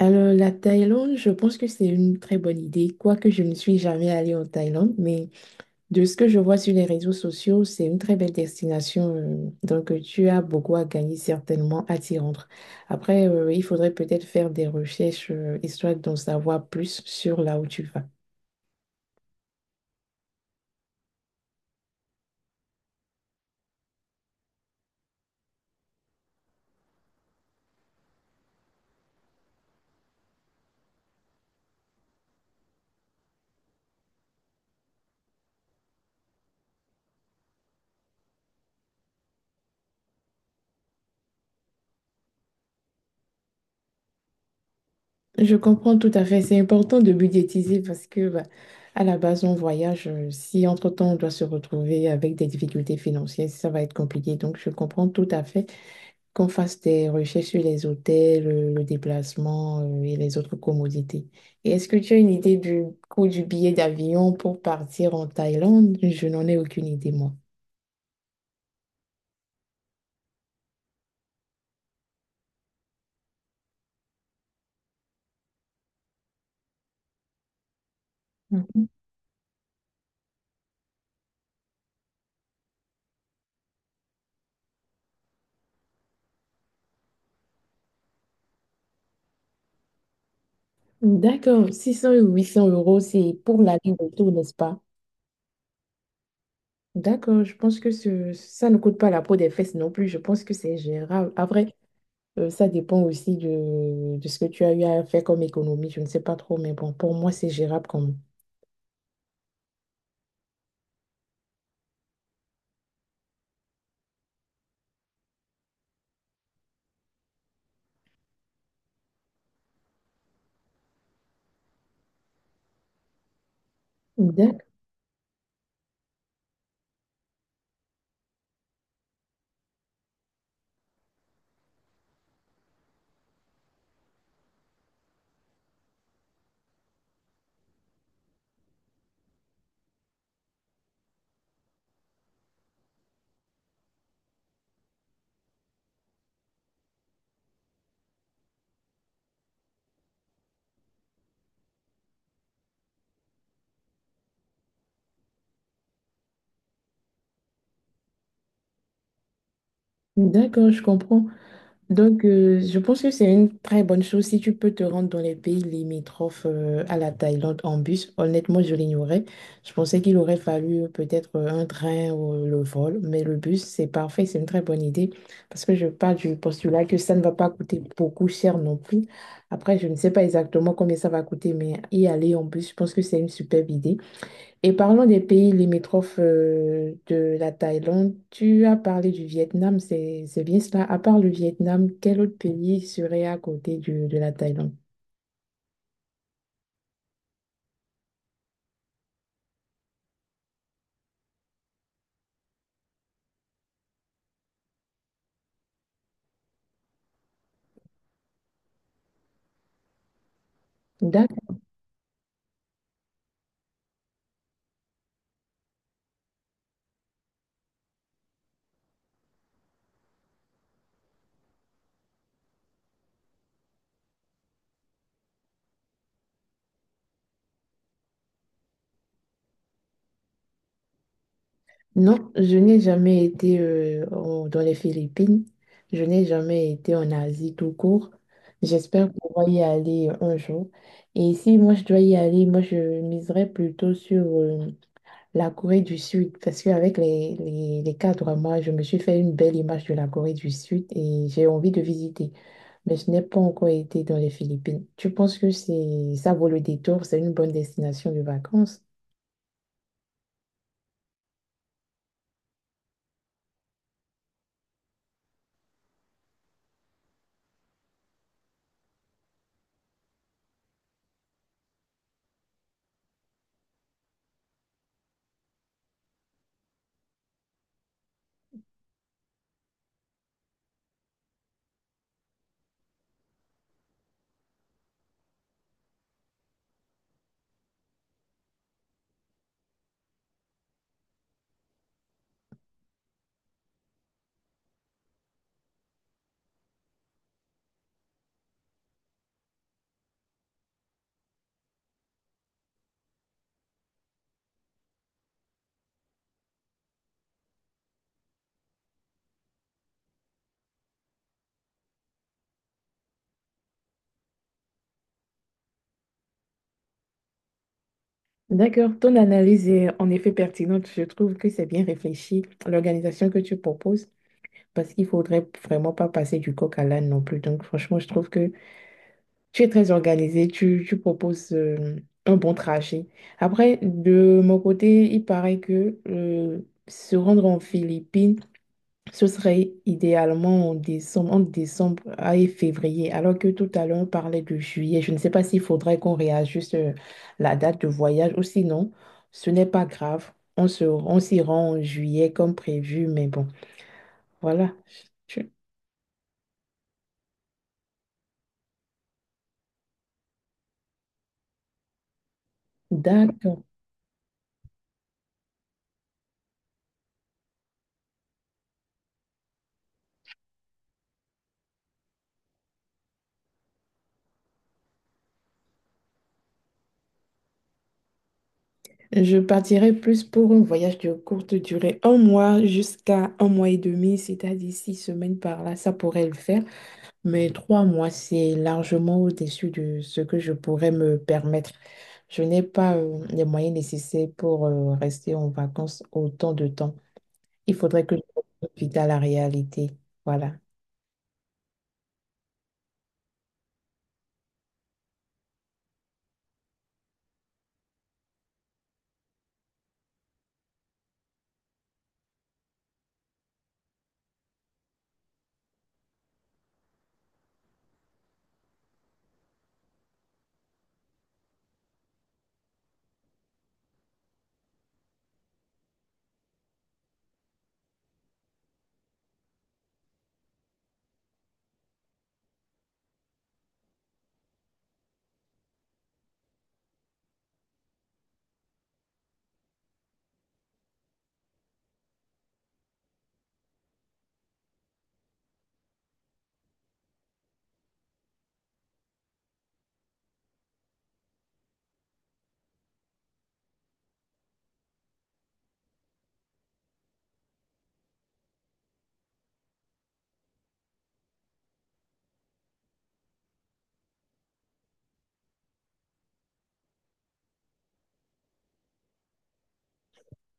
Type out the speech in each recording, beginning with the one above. Alors, la Thaïlande, je pense que c'est une très bonne idée, quoique je ne suis jamais allée en Thaïlande, mais de ce que je vois sur les réseaux sociaux, c'est une très belle destination. Donc, tu as beaucoup à gagner certainement à t'y rendre. Après, il faudrait peut-être faire des recherches, histoire d'en savoir plus sur là où tu vas. Je comprends tout à fait, c'est important de budgétiser parce que, bah, à la base, on voyage. Si entre-temps, on doit se retrouver avec des difficultés financières, ça va être compliqué. Donc, je comprends tout à fait qu'on fasse des recherches sur les hôtels, le déplacement, et les autres commodités. Et est-ce que tu as une idée du coût du billet d'avion pour partir en Thaïlande? Je n'en ai aucune idée, moi. Mhm. D'accord, 600 ou 800 euros, c'est pour l'aller et retour, n'est-ce pas? D'accord, je pense que ça ne coûte pas la peau des fesses non plus. Je pense que c'est gérable. Après, ça dépend aussi de ce que tu as eu à faire comme économie. Je ne sais pas trop, mais bon, pour moi, c'est gérable quand même. D'ac- D'accord, je comprends. Donc, je pense que c'est une très bonne chose si tu peux te rendre dans les pays limitrophes, à la Thaïlande en bus. Honnêtement, je l'ignorais. Je pensais qu'il aurait fallu peut-être, un train ou le vol, mais le bus, c'est parfait, c'est une très bonne idée parce que je pars du postulat que ça ne va pas coûter beaucoup cher non plus. Après, je ne sais pas exactement combien ça va coûter, mais y aller en bus, je pense que c'est une superbe idée. Et parlons des pays limitrophes, de la Thaïlande. Tu as parlé du Vietnam, c'est bien cela. À part le Vietnam, quel autre pays serait à côté de la Thaïlande? D'accord. Non, je n'ai jamais été, dans les Philippines. Je n'ai jamais été en Asie tout court. J'espère pouvoir y aller un jour. Et si moi je dois y aller, moi je miserais plutôt sur la Corée du Sud, parce qu'avec les cadres, moi, je me suis fait une belle image de la Corée du Sud et j'ai envie de visiter. Mais je n'ai pas encore été dans les Philippines. Tu penses que c'est ça vaut le détour, c'est une bonne destination de vacances? D'accord, ton analyse est en effet pertinente. Je trouve que c'est bien réfléchi, l'organisation que tu proposes, parce qu'il faudrait vraiment pas passer du coq à l'âne non plus. Donc, franchement, je trouve que tu es très organisé, tu proposes, un bon trajet. Après, de mon côté, il paraît que, se rendre en Philippines, ce serait idéalement en décembre, entre décembre et février, alors que tout à l'heure, on parlait de juillet. Je ne sais pas s'il faudrait qu'on réajuste, la date de voyage ou sinon, ce n'est pas grave. On s'y rend en juillet comme prévu, mais bon, voilà. Tu- D'accord. Je partirai plus pour un voyage de courte durée, un mois jusqu'à un mois et demi, c'est-à-dire six semaines par là, ça pourrait le faire. Mais trois mois, c'est largement au-dessus de ce que je pourrais me permettre. Je n'ai pas, les moyens nécessaires pour rester en vacances autant de temps. Il faudrait que je profite à la réalité. Voilà.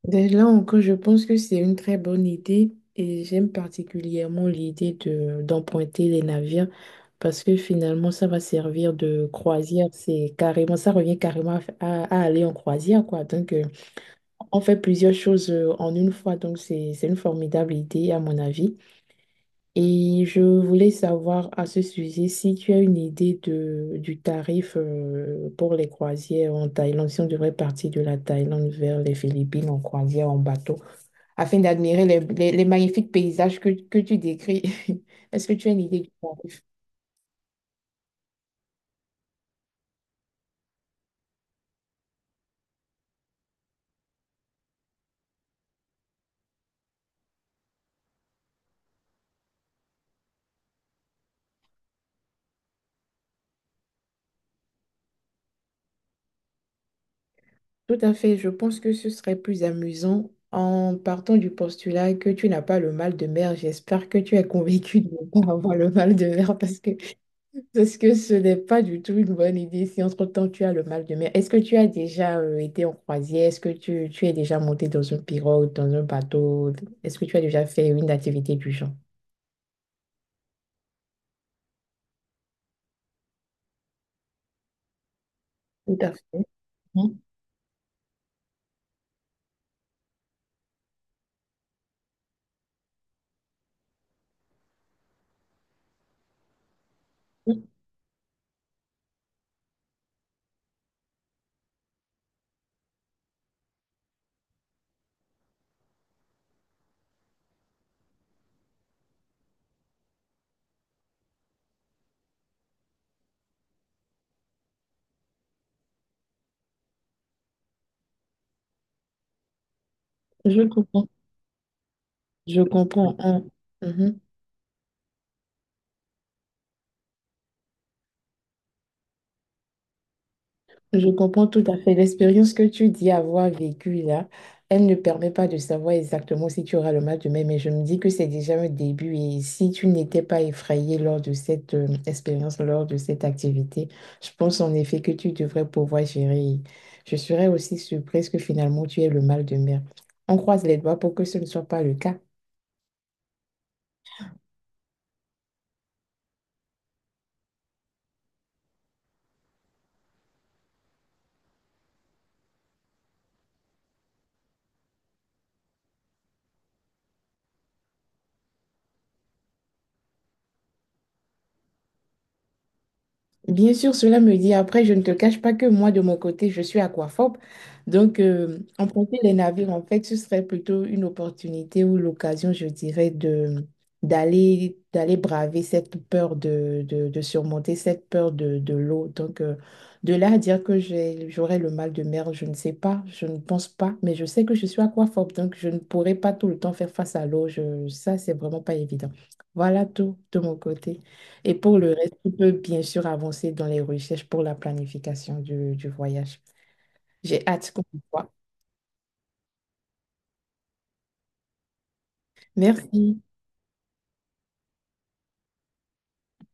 Ben là encore, je pense que c'est une très bonne idée et j'aime particulièrement l'idée de d'emprunter les navires parce que finalement ça va servir de croisière. C'est carrément, ça revient carrément à, f- à aller en croisière quoi. Donc, on fait plusieurs choses, en une fois. Donc, c'est une formidable idée à mon avis. Et je voulais savoir à ce sujet si tu as une idée de du tarif, pour les croisières en Thaïlande, si on devrait partir de la Thaïlande vers les Philippines en croisière en bateau afin d'admirer les magnifiques paysages que tu décris. Est-ce que tu as une idée du tarif? Tout à fait, je pense que ce serait plus amusant en partant du postulat que tu n'as pas le mal de mer. J'espère que tu es convaincu de ne pas avoir le mal de mer parce que, parce que ce n'est pas du tout une bonne idée si entre-temps tu as le mal de mer. Est-ce que tu as déjà été en croisière? Est-ce que tu es déjà monté dans une pirogue, dans un bateau? Est-ce que tu as déjà fait une activité du genre? Tout à fait. Mhm. Je comprends. Je comprends, hein. Mhm. Je comprends tout à fait. L'expérience que tu dis avoir vécue là, elle ne permet pas de savoir exactement si tu auras le mal demain, mais je me dis que c'est déjà un début. Et si tu n'étais pas effrayé lors de cette, expérience, lors de cette activité, je pense en effet que tu devrais pouvoir gérer. Je serais aussi surprise que finalement tu aies le mal de mer. On croise les doigts pour que ce ne soit pas le cas. Bien sûr, cela me dit, après, je ne te cache pas que moi, de mon côté, je suis aquaphobe. Donc, emprunter les navires, en fait, ce serait plutôt une opportunité ou l'occasion, je dirais, de d'aller d'aller braver cette peur de surmonter cette peur de l'eau. Donc, de là à dire que j'aurais le mal de mer, je ne sais pas, je ne pense pas, mais je sais que je suis aquaphobe, donc je ne pourrais pas tout le temps faire face à l'eau. Ça, c'est vraiment pas évident. Voilà tout de mon côté. Et pour le reste, tu peux bien sûr avancer dans les recherches pour la planification du voyage. J'ai hâte qu'on se voit. Merci.